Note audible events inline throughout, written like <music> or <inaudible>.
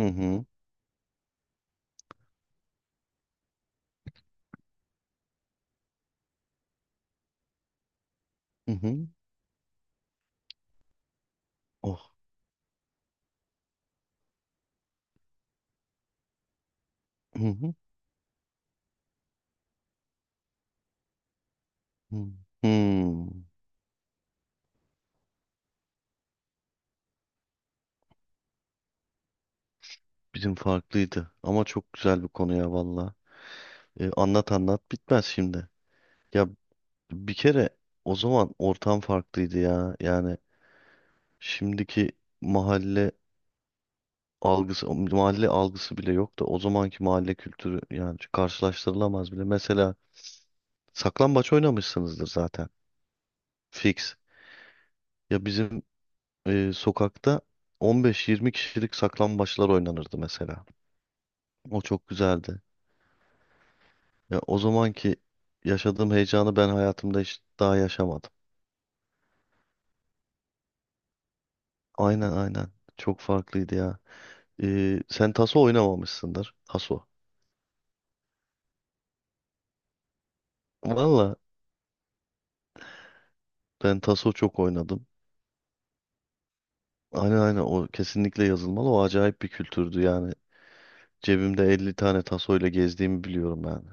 Hı hı. Hı hı. Oh. Hı hı. Hı. Hmm. Bizim farklıydı ama çok güzel bir konu ya valla. Anlat anlat bitmez şimdi. Ya bir kere o zaman ortam farklıydı ya. Yani şimdiki mahalle algısı, mahalle algısı bile yok da o zamanki mahalle kültürü yani karşılaştırılamaz bile. Mesela saklambaç oynamışsınızdır zaten. Fix. Ya bizim sokakta 15-20 kişilik saklambaçlar oynanırdı mesela. O çok güzeldi. Ya o zamanki yaşadığım heyecanı ben hayatımda hiç daha yaşamadım. Aynen aynen. Çok farklıydı ya. Sen taso oynamamışsındır. Taso. Valla ben taso çok oynadım. Aynen aynen, o kesinlikle yazılmalı. O acayip bir kültürdü yani. Cebimde 50 tane taso ile gezdiğimi biliyorum yani.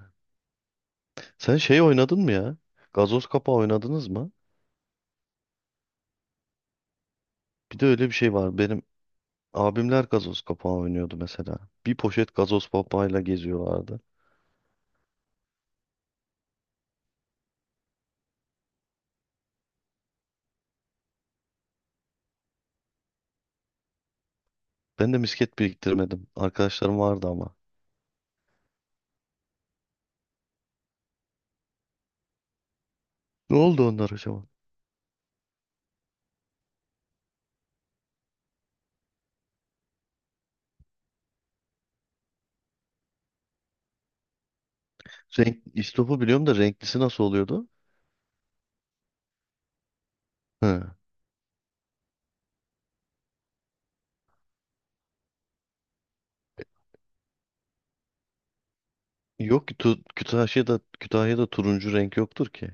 Sen şey oynadın mı ya? Gazoz kapağı oynadınız mı? Bir de öyle bir şey var. Benim abimler gazoz kapağı oynuyordu mesela. Bir poşet gazoz papağıyla geziyorlardı. Ben de misket biriktirmedim. Arkadaşlarım vardı ama. Ne oldu onlar acaba? Renk, istopu biliyorum da renklisi nasıl oluyordu? He. Yok ki Kütahya'da, Kütahya'da turuncu renk yoktur ki.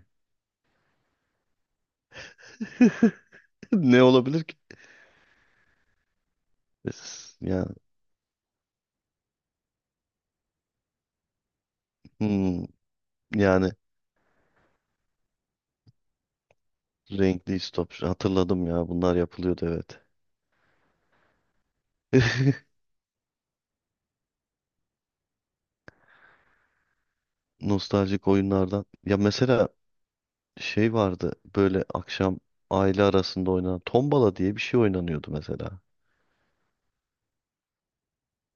<laughs> Ne olabilir ki? Ya, hmm, yani renkli istop. Hatırladım ya, bunlar yapılıyordu evet. <laughs> Nostaljik oyunlardan. Ya mesela şey vardı, böyle akşam aile arasında oynanan tombala diye bir şey oynanıyordu mesela.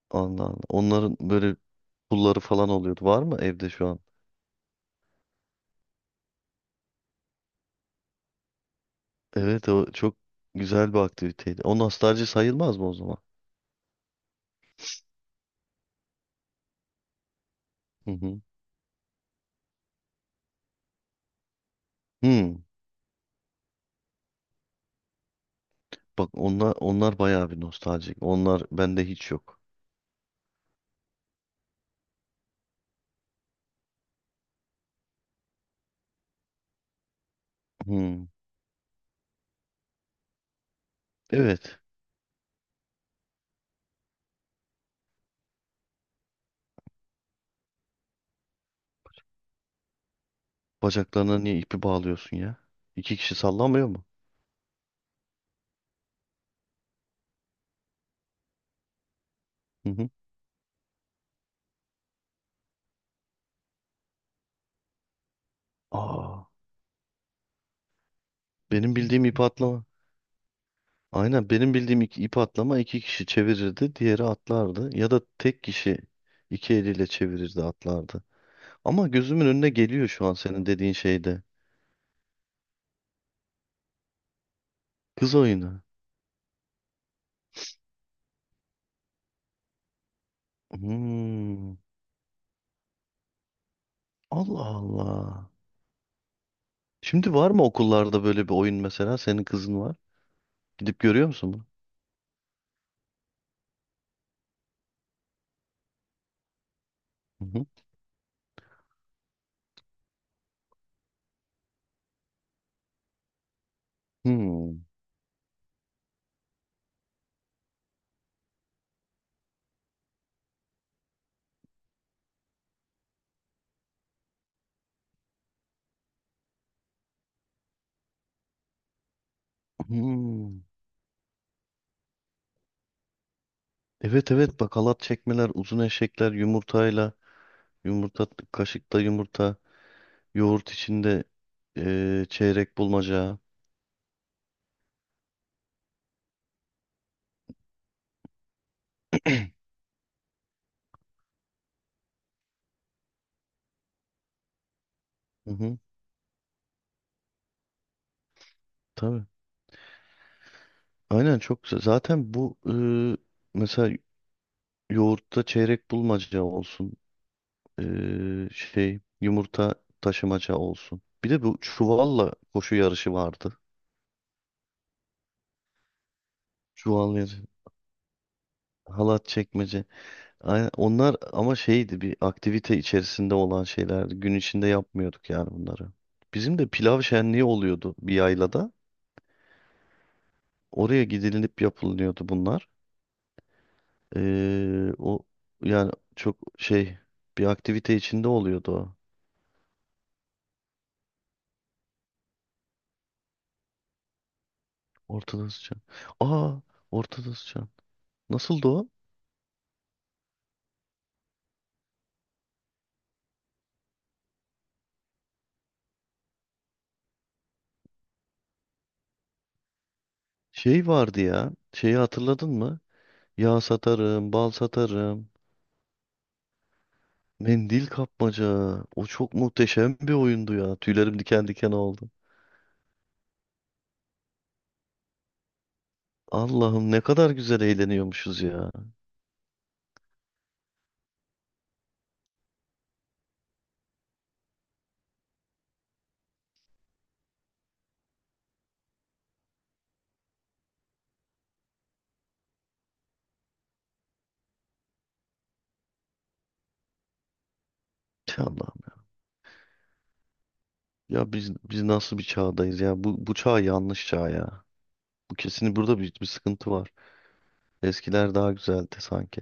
Allah Allah. Onların böyle pulları falan oluyordu. Var mı evde şu an? Evet, o çok güzel bir aktiviteydi. O nostalji sayılmaz mı o zaman? Hı hı. Hmm. Bak onlar bayağı bir nostaljik. Onlar bende hiç yok. Hmm. Evet. Bacaklarına niye ipi bağlıyorsun ya? İki kişi sallamıyor mu? Hı hı. Aa, benim bildiğim ip atlama. Aynen, benim bildiğim ip atlama, iki kişi çevirirdi, diğeri atlardı. Ya da tek kişi iki eliyle çevirirdi, atlardı. Ama gözümün önüne geliyor şu an senin dediğin şeyde. Kız oyunu. Hmm. Allah Allah. Şimdi var mı okullarda böyle bir oyun mesela? Senin kızın var. Gidip görüyor musun bunu? Hı hı. Hmm. Hmm. Evet evet, bakalat çekmeler, uzun eşekler, yumurtayla, yumurta, kaşıkta yumurta, yoğurt içinde çeyrek bulmaca. Hı hı. Tabii. Aynen, çok güzel. Zaten bu mesela yoğurtta çeyrek bulmaca olsun. Şey, yumurta taşımaca olsun. Bir de bu çuvalla koşu yarışı vardı. Çuval yarışı, halat çekmece. Aynen, onlar ama şeydi, bir aktivite içerisinde olan şeylerdi. Gün içinde yapmıyorduk yani bunları. Bizim de pilav şenliği oluyordu bir yaylada. Oraya gidilip yapılıyordu bunlar. O yani çok şey, bir aktivite içinde oluyordu o. Ortada sıçan. Aa, ortada sıçan. Nasıldı o? Şey vardı ya. Şeyi hatırladın mı? Yağ satarım, bal satarım. Mendil kapmaca. O çok muhteşem bir oyundu ya. Tüylerim diken diken oldu. Allah'ım, ne kadar güzel eğleniyormuşuz ya. Tüh, Allah'ım. Ya biz nasıl bir çağdayız ya? Bu çağ yanlış çağ ya. Bu kesin, burada bir sıkıntı var. Eskiler daha güzeldi sanki.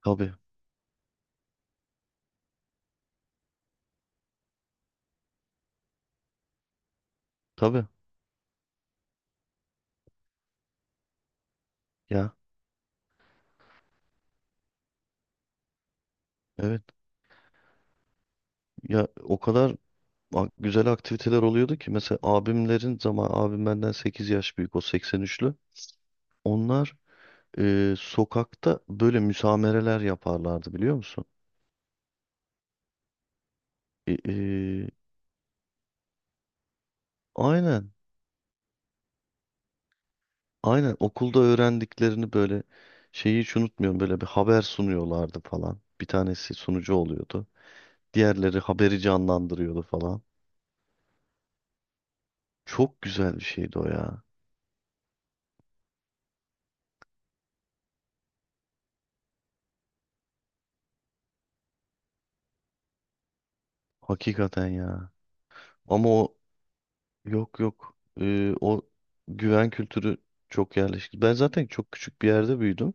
Tabii. Tabii. Ya evet. Ya o kadar güzel aktiviteler oluyordu ki mesela abim benden 8 yaş büyük, o 83'lü. Onlar sokakta böyle müsamereler yaparlardı, biliyor musun? E, e, aynen. Aynen, okulda öğrendiklerini böyle, şeyi hiç unutmuyorum, böyle bir haber sunuyorlardı falan. Bir tanesi sunucu oluyordu. Diğerleri haberi canlandırıyordu falan. Çok güzel bir şeydi o ya. Hakikaten ya. Ama o yok yok. O güven kültürü çok yerleşti. Ben zaten çok küçük bir yerde büyüdüm.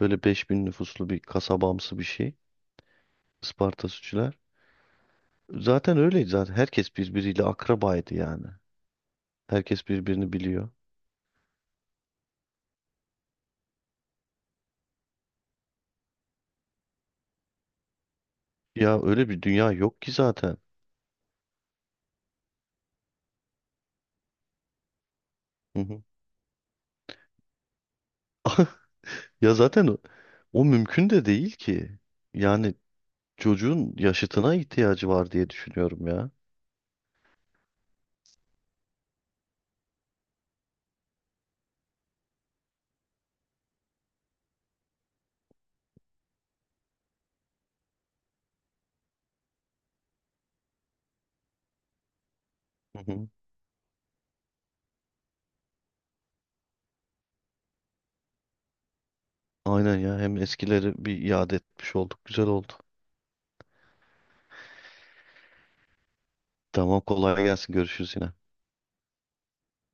Böyle 5.000 nüfuslu bir kasabamsı bir şey. Isparta Sütçüler. Zaten öyleydi zaten. Herkes birbiriyle akrabaydı yani. Herkes birbirini biliyor. Ya öyle bir dünya yok ki zaten. Hı hı. <laughs> Ya zaten o mümkün de değil ki. Yani çocuğun yaşıtına ihtiyacı var diye düşünüyorum ya. Hı hı. Aynen ya. Hem eskileri bir iade etmiş olduk. Güzel oldu. Tamam, kolay gelsin. Görüşürüz yine.